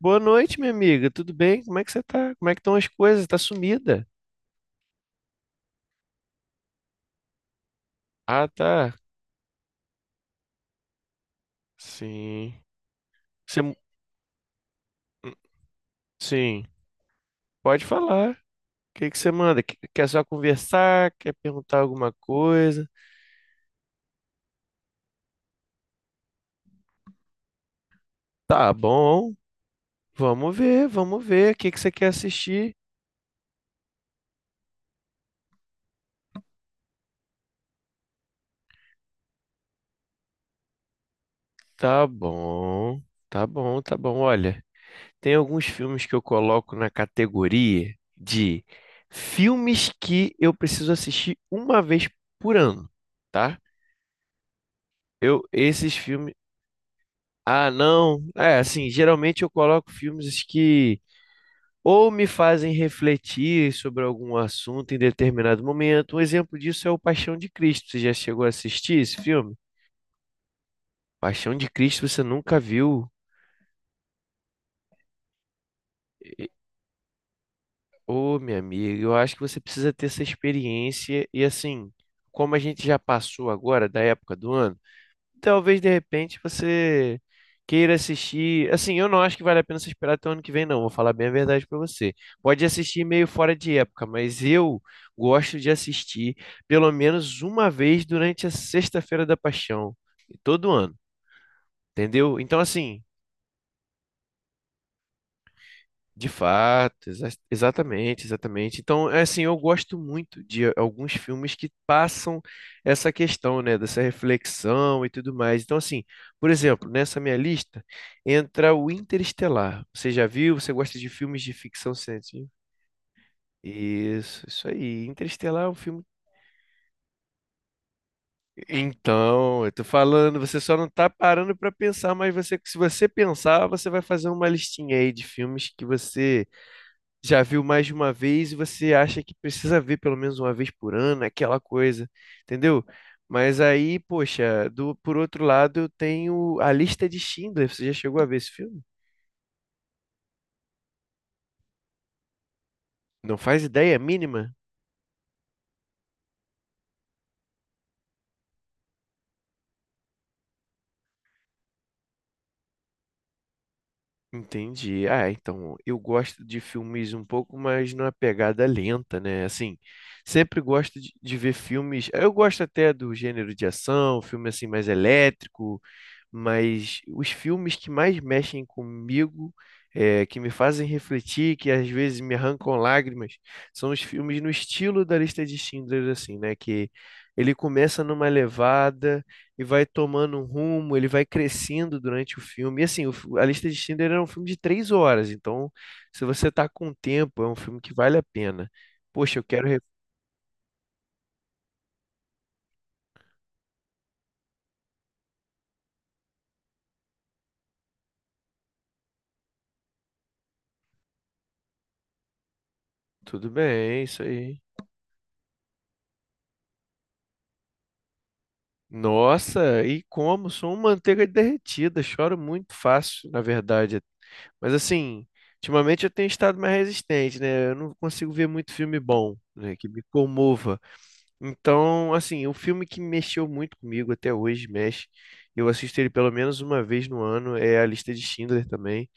Boa noite, minha amiga. Tudo bem? Como é que você tá? Como é que estão as coisas? Tá sumida? Ah, tá. Sim. Você... Sim. Pode falar. O que que você manda? Quer só conversar? Quer perguntar alguma coisa? Tá bom. Vamos ver, vamos ver. O que que você quer assistir? Tá bom. Tá bom, tá bom. Olha, tem alguns filmes que eu coloco na categoria de filmes que eu preciso assistir uma vez por ano, tá? Eu, esses filmes Ah, não. É, assim, geralmente eu coloco filmes que ou me fazem refletir sobre algum assunto em determinado momento. Um exemplo disso é o Paixão de Cristo. Você já chegou a assistir esse filme? Paixão de Cristo você nunca viu? E- Ô, minha amiga, eu acho que você precisa ter essa experiência. E assim, como a gente já passou agora da época do ano. Talvez de repente você queira assistir. Assim, eu não acho que vale a pena você esperar até o ano que vem, não. Vou falar bem a verdade pra você. Pode assistir meio fora de época, mas eu gosto de assistir pelo menos uma vez durante a Sexta-feira da Paixão, todo ano, entendeu? Então, assim, De fato, exatamente, exatamente. Então, é assim, eu gosto muito de alguns filmes que passam essa questão, né, dessa reflexão e tudo mais. Então, assim, por exemplo, nessa minha lista entra o Interestelar. Você já viu? Você gosta de filmes de ficção científica? Isso aí. Interestelar é um filme. Então, eu tô falando, você só não tá parando pra pensar, mas você, se você pensar, você vai fazer uma listinha aí de filmes que você já viu mais de uma vez e você acha que precisa ver pelo menos uma vez por ano, aquela coisa, entendeu? Mas aí, poxa, por outro lado, eu tenho a lista de Schindler. Você já chegou a ver esse filme? Não faz ideia é mínima? Entendi. Ah, então eu gosto de filmes um pouco mais numa pegada lenta, né? Assim, sempre gosto de ver filmes. Eu gosto até do gênero de ação, filme assim mais elétrico, mas os filmes que mais mexem comigo, é, que me fazem refletir, que às vezes me arrancam lágrimas, são os filmes no estilo da lista de Schindler, assim, né? Que ele começa numa levada e vai tomando um rumo, ele vai crescendo durante o filme. E assim, a lista de Schindler é um filme de três horas, então se você tá com tempo, é um filme que vale a pena. Poxa, eu quero. Tudo bem, é isso aí. Nossa, e como? Sou uma manteiga derretida, choro muito fácil, na verdade. Mas assim, ultimamente eu tenho estado mais resistente, né? Eu não consigo ver muito filme bom, né? Que me comova. Então, assim, o filme que mexeu muito comigo até hoje, mexe. Eu assisto ele pelo menos uma vez no ano, é A Lista de Schindler também.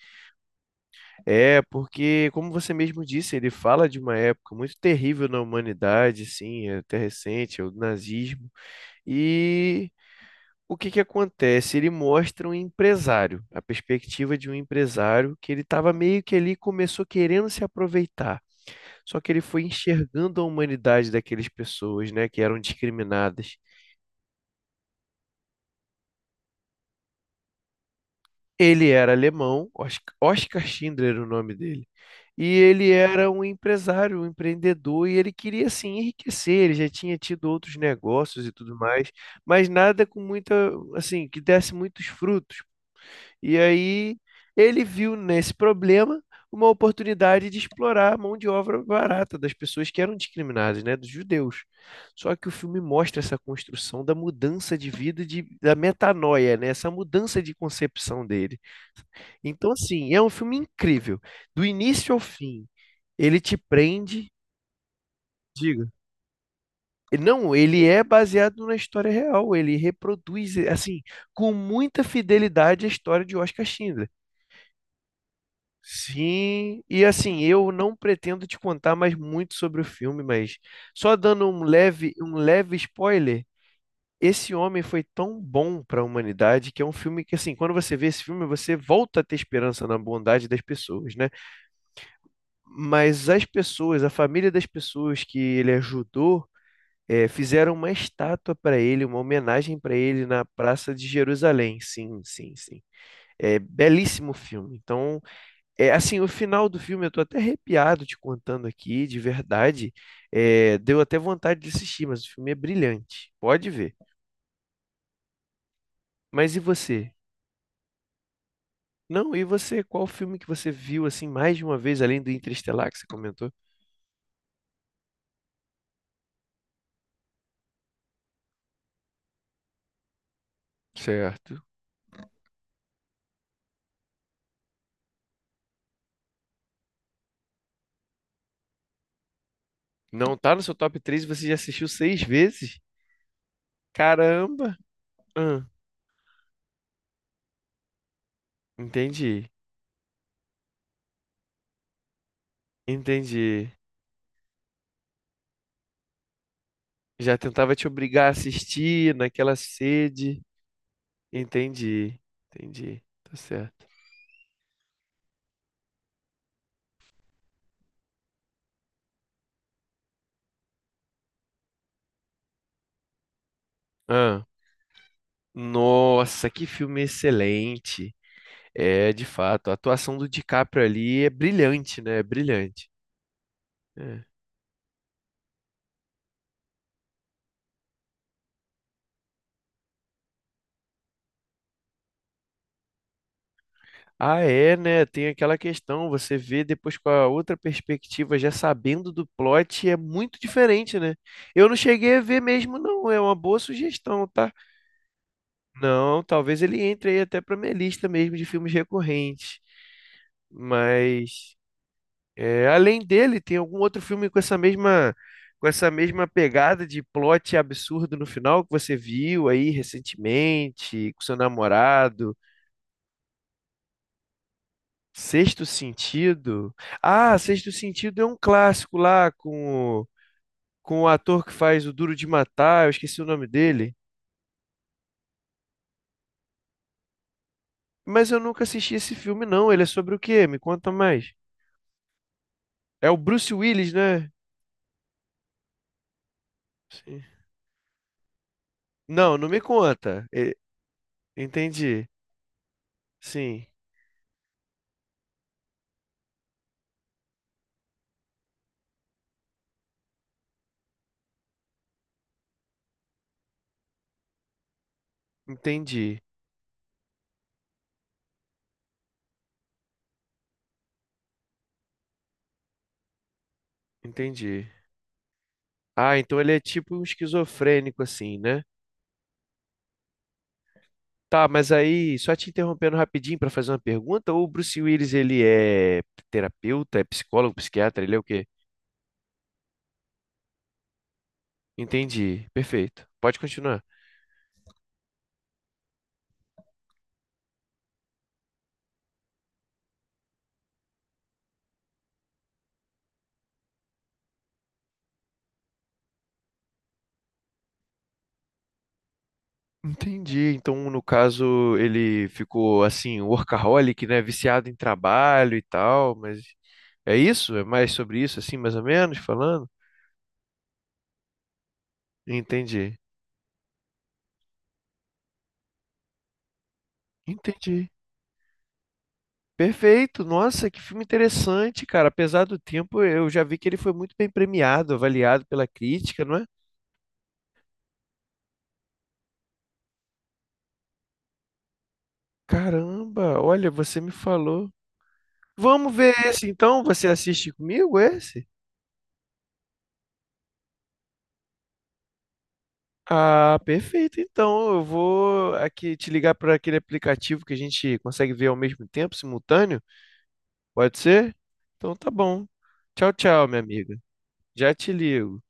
É, porque, como você mesmo disse, ele fala de uma época muito terrível na humanidade, assim, é até recente, é o nazismo. E o que que acontece? Ele mostra um empresário, a perspectiva de um empresário que ele estava meio que ali começou querendo se aproveitar. Só que ele foi enxergando a humanidade daquelas pessoas, né, que eram discriminadas. Ele era alemão, Oscar Schindler era o nome dele. E ele era um empresário, um empreendedor, e ele queria assim enriquecer. Ele já tinha tido outros negócios e tudo mais, mas nada com muita, assim, que desse muitos frutos. E aí ele viu nesse problema uma oportunidade de explorar a mão de obra barata das pessoas que eram discriminadas, né, dos judeus. Só que o filme mostra essa construção da mudança de vida, da metanoia, né, essa mudança de concepção dele. Então, assim, é um filme incrível. Do início ao fim, ele te prende. Diga. Não, ele é baseado na história real, ele reproduz, assim, com muita fidelidade a história de Oscar Schindler. Sim, e assim, eu não pretendo te contar mais muito sobre o filme, mas só dando um leve spoiler, esse homem foi tão bom para a humanidade que é um filme que, assim, quando você vê esse filme, você volta a ter esperança na bondade das pessoas, né? Mas as pessoas, a família das pessoas que ele ajudou, fizeram uma estátua para ele, uma homenagem para ele na Praça de Jerusalém. Sim, sim, sim. É belíssimo o filme. Então. É, assim, o final do filme, eu tô até arrepiado te contando aqui, de verdade. É, deu até vontade de assistir, mas o filme é brilhante. Pode ver. Mas e você? Não, e você? Qual filme que você viu, assim, mais de uma vez, além do Interestelar que você comentou? Certo. Não tá no seu top 3? E você já assistiu seis vezes? Caramba! Ah, entendi, entendi. Já tentava te obrigar a assistir naquela sede. Entendi, entendi, tá certo. Ah, nossa, que filme excelente. É, de fato, a atuação do DiCaprio ali é brilhante, né? É brilhante. É. Ah, é, né? Tem aquela questão, você vê depois com a outra perspectiva, já sabendo do plot, é muito diferente, né? Eu não cheguei a ver mesmo, não. É uma boa sugestão, tá? Não, talvez ele entre aí até pra minha lista mesmo de filmes recorrentes. Mas É, além dele, tem algum outro filme com essa mesma pegada de plot absurdo no final que você viu aí recentemente com seu namorado? Sexto Sentido. Ah, Sexto Sentido é um clássico lá com com o ator que faz o Duro de Matar, eu esqueci o nome dele. Mas eu nunca assisti esse filme, não. Ele é sobre o quê? Me conta mais. É o Bruce Willis, né? Sim. Não, não me conta. E- Entendi. Sim, entendi. Entendi. Ah, então ele é tipo um esquizofrênico, assim, né? Tá, mas aí, só te interrompendo rapidinho para fazer uma pergunta, o Bruce Willis, ele é terapeuta, é psicólogo, psiquiatra, ele é o quê? Entendi, perfeito. Pode continuar. Entendi. Então, no caso, ele ficou assim, workaholic, né? Viciado em trabalho e tal, mas é isso? É mais sobre isso, assim, mais ou menos, falando? Entendi. Entendi. Perfeito, nossa, que filme interessante, cara. Apesar do tempo, eu já vi que ele foi muito bem premiado, avaliado pela crítica, não é? Caramba, olha, você me falou. Vamos ver esse então? Você assiste comigo esse? Ah, perfeito. Então, eu vou aqui te ligar para aquele aplicativo que a gente consegue ver ao mesmo tempo, simultâneo. Pode ser? Então tá bom. Tchau, tchau, minha amiga. Já te ligo.